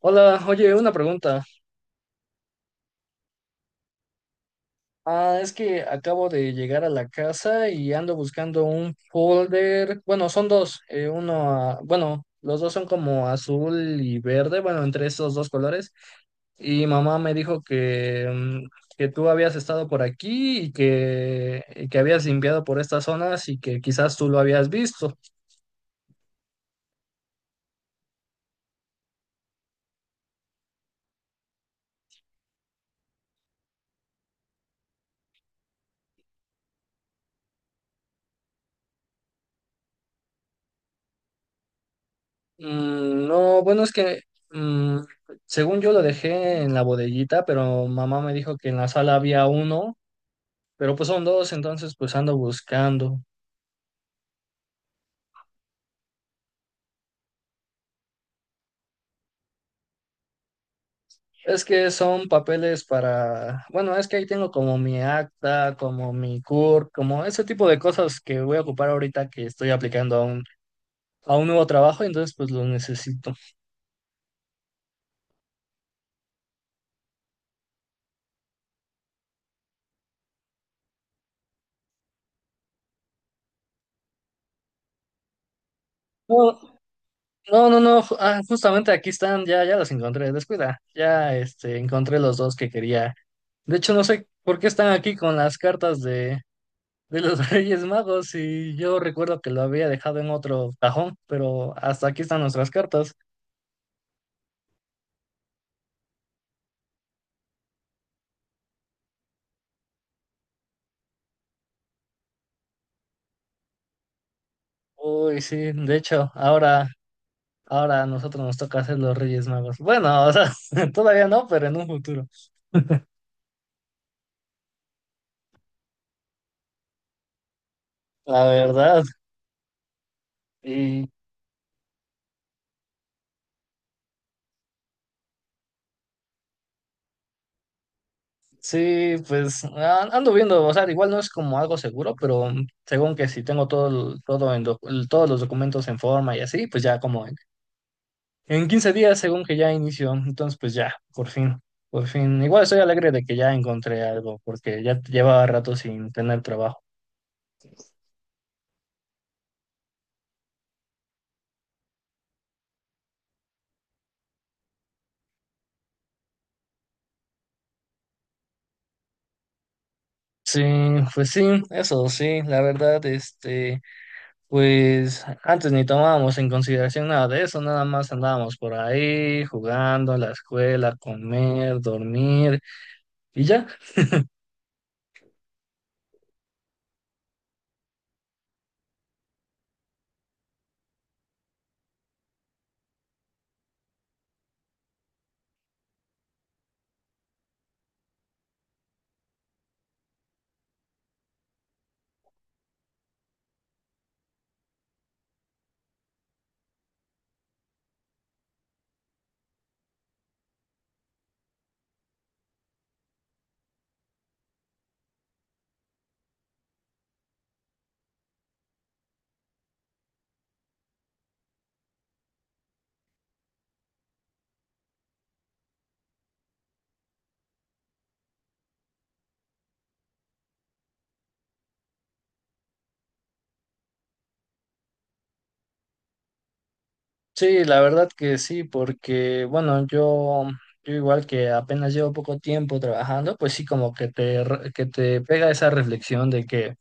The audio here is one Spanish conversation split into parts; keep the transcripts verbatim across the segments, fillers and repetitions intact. Hola, oye, una pregunta. Ah, es que acabo de llegar a la casa y ando buscando un folder. Bueno, son dos. Eh, uno, ah, bueno, los dos son como azul y verde, bueno, entre esos dos colores. Y mamá me dijo que, mm, que tú habías estado por aquí y que, y que habías limpiado por estas zonas y que quizás tú lo habías visto. Mm, no, bueno, es que... mm, según yo lo dejé en la bodellita, pero mamá me dijo que en la sala había uno. Pero pues son dos, entonces pues ando buscando. Es que son papeles para, bueno, es que ahí tengo como mi acta, como mi C U R, como ese tipo de cosas que voy a ocupar ahorita que estoy aplicando a un, a un nuevo trabajo, entonces pues los necesito. No, no, no, no, ju- ah, justamente aquí están, ya, ya los encontré, descuida, ya este, encontré los dos que quería. De hecho, no sé por qué están aquí con las cartas de, de los Reyes Magos y yo recuerdo que lo había dejado en otro cajón, pero hasta aquí están nuestras cartas. Uy, sí, de hecho, ahora, ahora a nosotros nos toca hacer los Reyes Magos. Bueno, o sea, todavía no, pero en un futuro, la verdad. Y sí, pues a- ando viendo, o sea, igual no es como algo seguro, pero mm, según que si tengo todo, el- todo en doc- el- todos los documentos en forma y así, pues ya como en, en quince días, según que ya inició, entonces pues ya, por fin, por fin. Igual estoy alegre de que ya encontré algo, porque ya llevaba rato sin tener trabajo. Sí, pues sí, eso sí, la verdad, este. Pues antes ni tomábamos en consideración nada de eso, nada más andábamos por ahí jugando a la escuela, comer, dormir y ya. Sí, la verdad que sí, porque bueno, yo, yo igual que apenas llevo poco tiempo trabajando, pues sí como que te, re- que te pega esa reflexión de que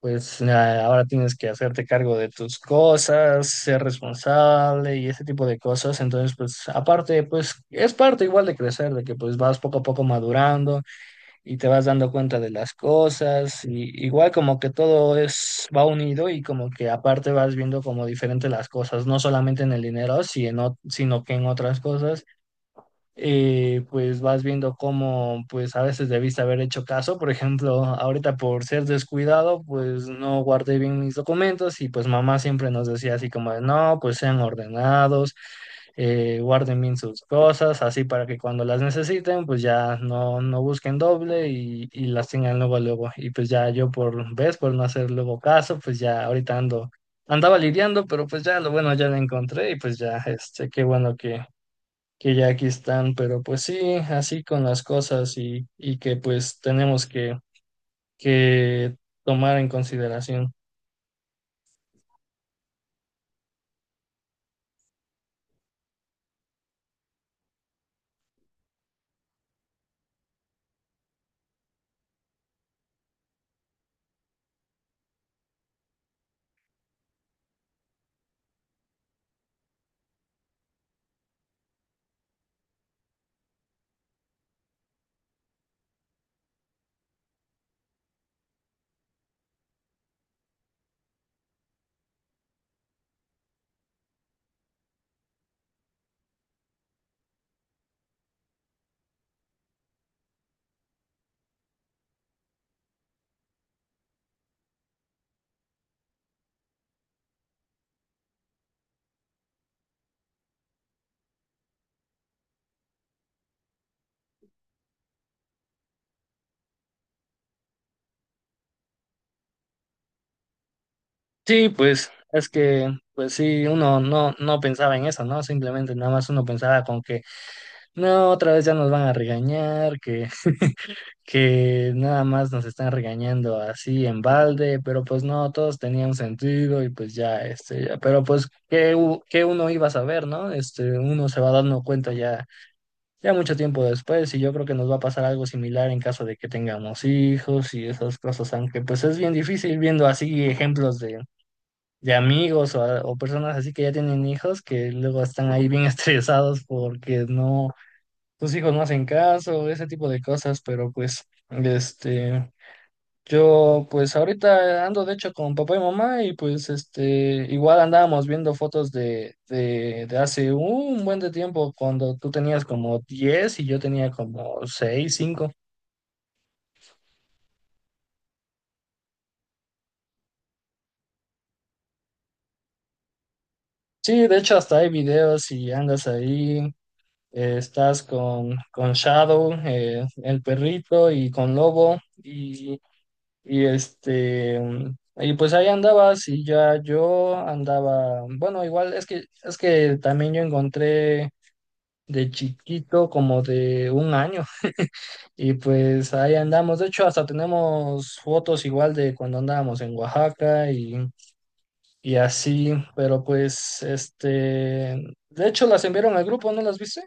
pues na- ahora tienes que hacerte cargo de tus cosas, ser responsable y ese tipo de cosas. Entonces, pues aparte, pues es parte igual de crecer, de que pues vas poco a poco madurando y te vas dando cuenta de las cosas, y igual como que todo es, va unido y como que aparte vas viendo como diferente las cosas, no solamente en el dinero, sino, sino que en otras cosas, eh, pues vas viendo cómo pues a veces debiste haber hecho caso. Por ejemplo, ahorita por ser descuidado, pues no guardé bien mis documentos y pues mamá siempre nos decía así como de, no, pues sean ordenados, eh, guarden bien sus cosas, así para que cuando las necesiten, pues ya no, no busquen doble y, y las tengan luego, luego. Y pues ya yo por, ves, por no hacer luego caso, pues ya ahorita ando. Andaba lidiando, pero pues ya lo bueno ya lo encontré y pues ya, este, qué bueno que, que ya aquí están, pero pues sí, así con las cosas y, y que pues tenemos que, que tomar en consideración. Sí, pues es que, pues sí, uno no, no pensaba en eso, ¿no? Simplemente nada más uno pensaba con que, no, otra vez ya nos van a regañar, que, que nada más nos están regañando así en balde, pero pues no, todos tenían sentido y pues ya, este, ya, pero pues, ¿qué, u- qué uno iba a saber, ¿no? Este, uno se va dando cuenta ya ya mucho tiempo después y yo creo que nos va a pasar algo similar en caso de que tengamos hijos y esas cosas, aunque pues es bien difícil viendo así ejemplos de, de amigos o, a- o personas así que ya tienen hijos que luego están ahí bien estresados porque no, sus hijos no hacen caso, ese tipo de cosas, pero pues este... Yo pues ahorita ando de hecho con papá y mamá y pues este igual andábamos viendo fotos de, de, de hace un buen de tiempo cuando tú tenías como diez y yo tenía como seis, cinco. Sí, de hecho hasta hay videos y andas ahí, eh, estás con, con Shadow, eh, el perrito y con Lobo y, y este... mm, Y pues ahí andabas y ya yo andaba, bueno, igual es que es que también yo encontré de chiquito, como de un año. Y pues ahí andamos. De hecho, hasta tenemos fotos igual de cuando andábamos en Oaxaca y, y así. Pero pues, este, de hecho las enviaron al grupo, ¿no las viste?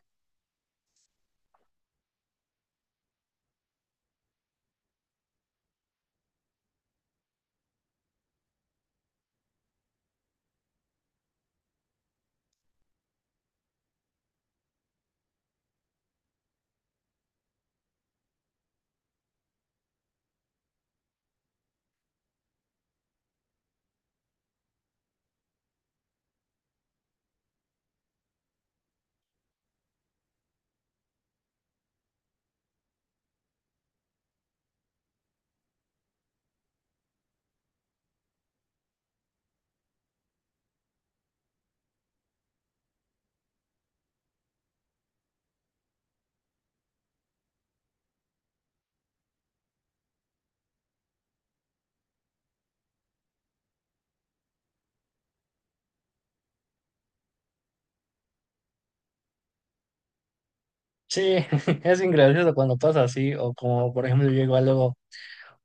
Sí, es ingracioso cuando pasa así. O como, por ejemplo, yo igual luego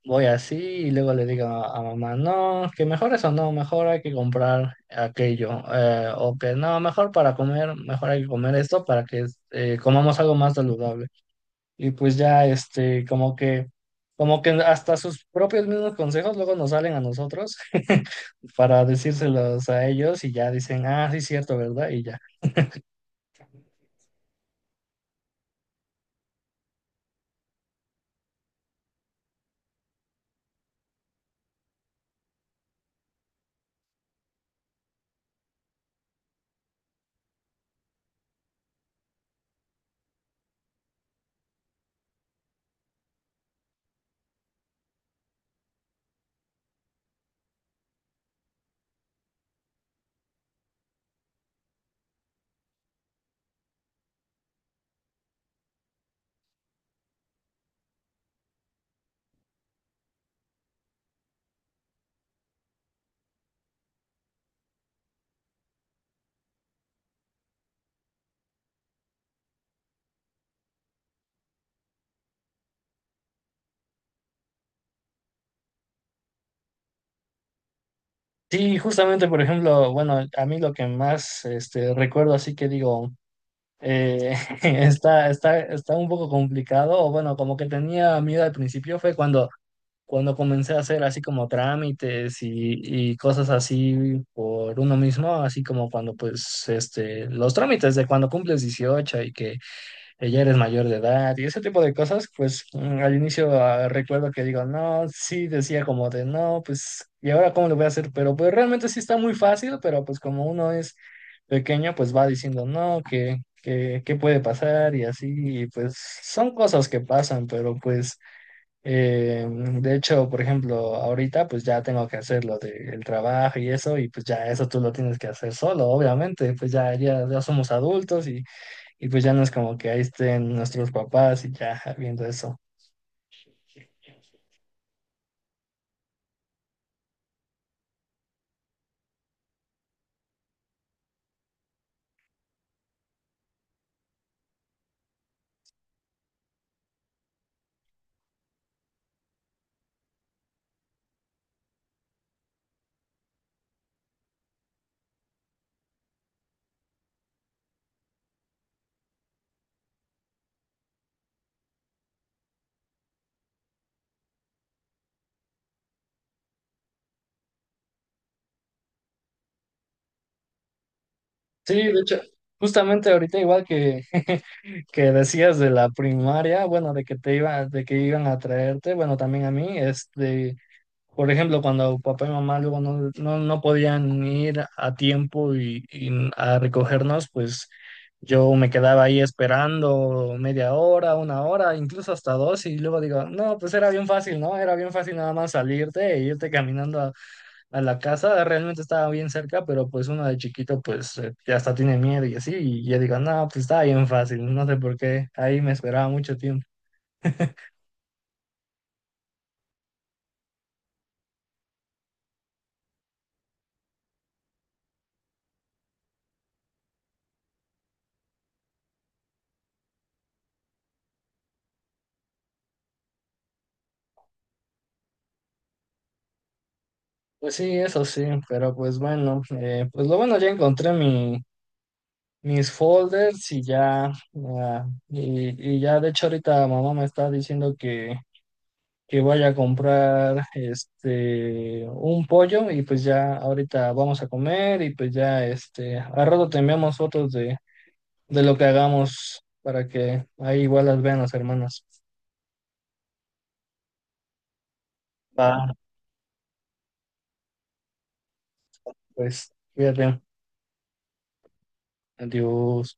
voy así y luego le digo a, a mamá, no, que mejor eso no, mejor hay que comprar aquello. Eh, o que no, mejor para comer, mejor hay que comer esto para que eh, comamos algo más saludable. Y pues ya, este, como que, como que hasta sus propios mismos consejos luego nos salen a nosotros para decírselos a ellos y ya dicen, ah, sí, cierto, ¿verdad? Y ya. Sí, justamente, por ejemplo, bueno, a mí lo que más, este, recuerdo así que digo, eh, está, está, está un poco complicado, o bueno, como que tenía miedo al principio fue cuando cuando comencé a hacer así como trámites y, y cosas así por uno mismo, así como cuando pues este, los trámites de cuando cumples dieciocho y que eh, ya eres mayor de edad y ese tipo de cosas, pues mm, al inicio ah, recuerdo que digo, no, sí, decía como de no, pues, ¿y ahora cómo lo voy a hacer? Pero pues realmente sí está muy fácil, pero pues como uno es pequeño, pues va diciendo, no, que... qué ¿Qué puede pasar? Y así, y pues son cosas que pasan, pero pues eh, de hecho, por ejemplo, ahorita pues ya tengo que hacer lo del trabajo y eso, y pues ya eso tú lo tienes que hacer solo, obviamente, pues ya, ya, ya somos adultos y, y pues ya no es como que ahí estén nuestros papás y ya viendo eso. Sí, de hecho, justamente ahorita igual que, que decías de la primaria, bueno, de que te iba, de que iban a traerte, bueno, también a mí, este, por ejemplo, cuando papá y mamá luego no, no, no podían ir a tiempo y, y a recogernos, pues yo me quedaba ahí esperando media hora, una hora, incluso hasta dos, y luego digo, no, pues era bien fácil, ¿no? Era bien fácil nada más salirte e irte caminando a, a la casa, realmente estaba bien cerca, pero pues uno de chiquito pues eh, ya hasta tiene miedo y así, y yo digo, no, pues estaba bien fácil, no sé por qué, ahí me esperaba mucho tiempo. Pues sí, eso sí, pero pues bueno, eh, pues lo bueno ya encontré mi mis folders y ya, ya, y, y ya de hecho ahorita mamá me está diciendo que, que vaya a comprar este un pollo y pues ya ahorita vamos a comer y pues ya este a rato te enviamos fotos de, de lo que hagamos para que ahí igual las vean las hermanas. Va, pues cuídate. Adiós.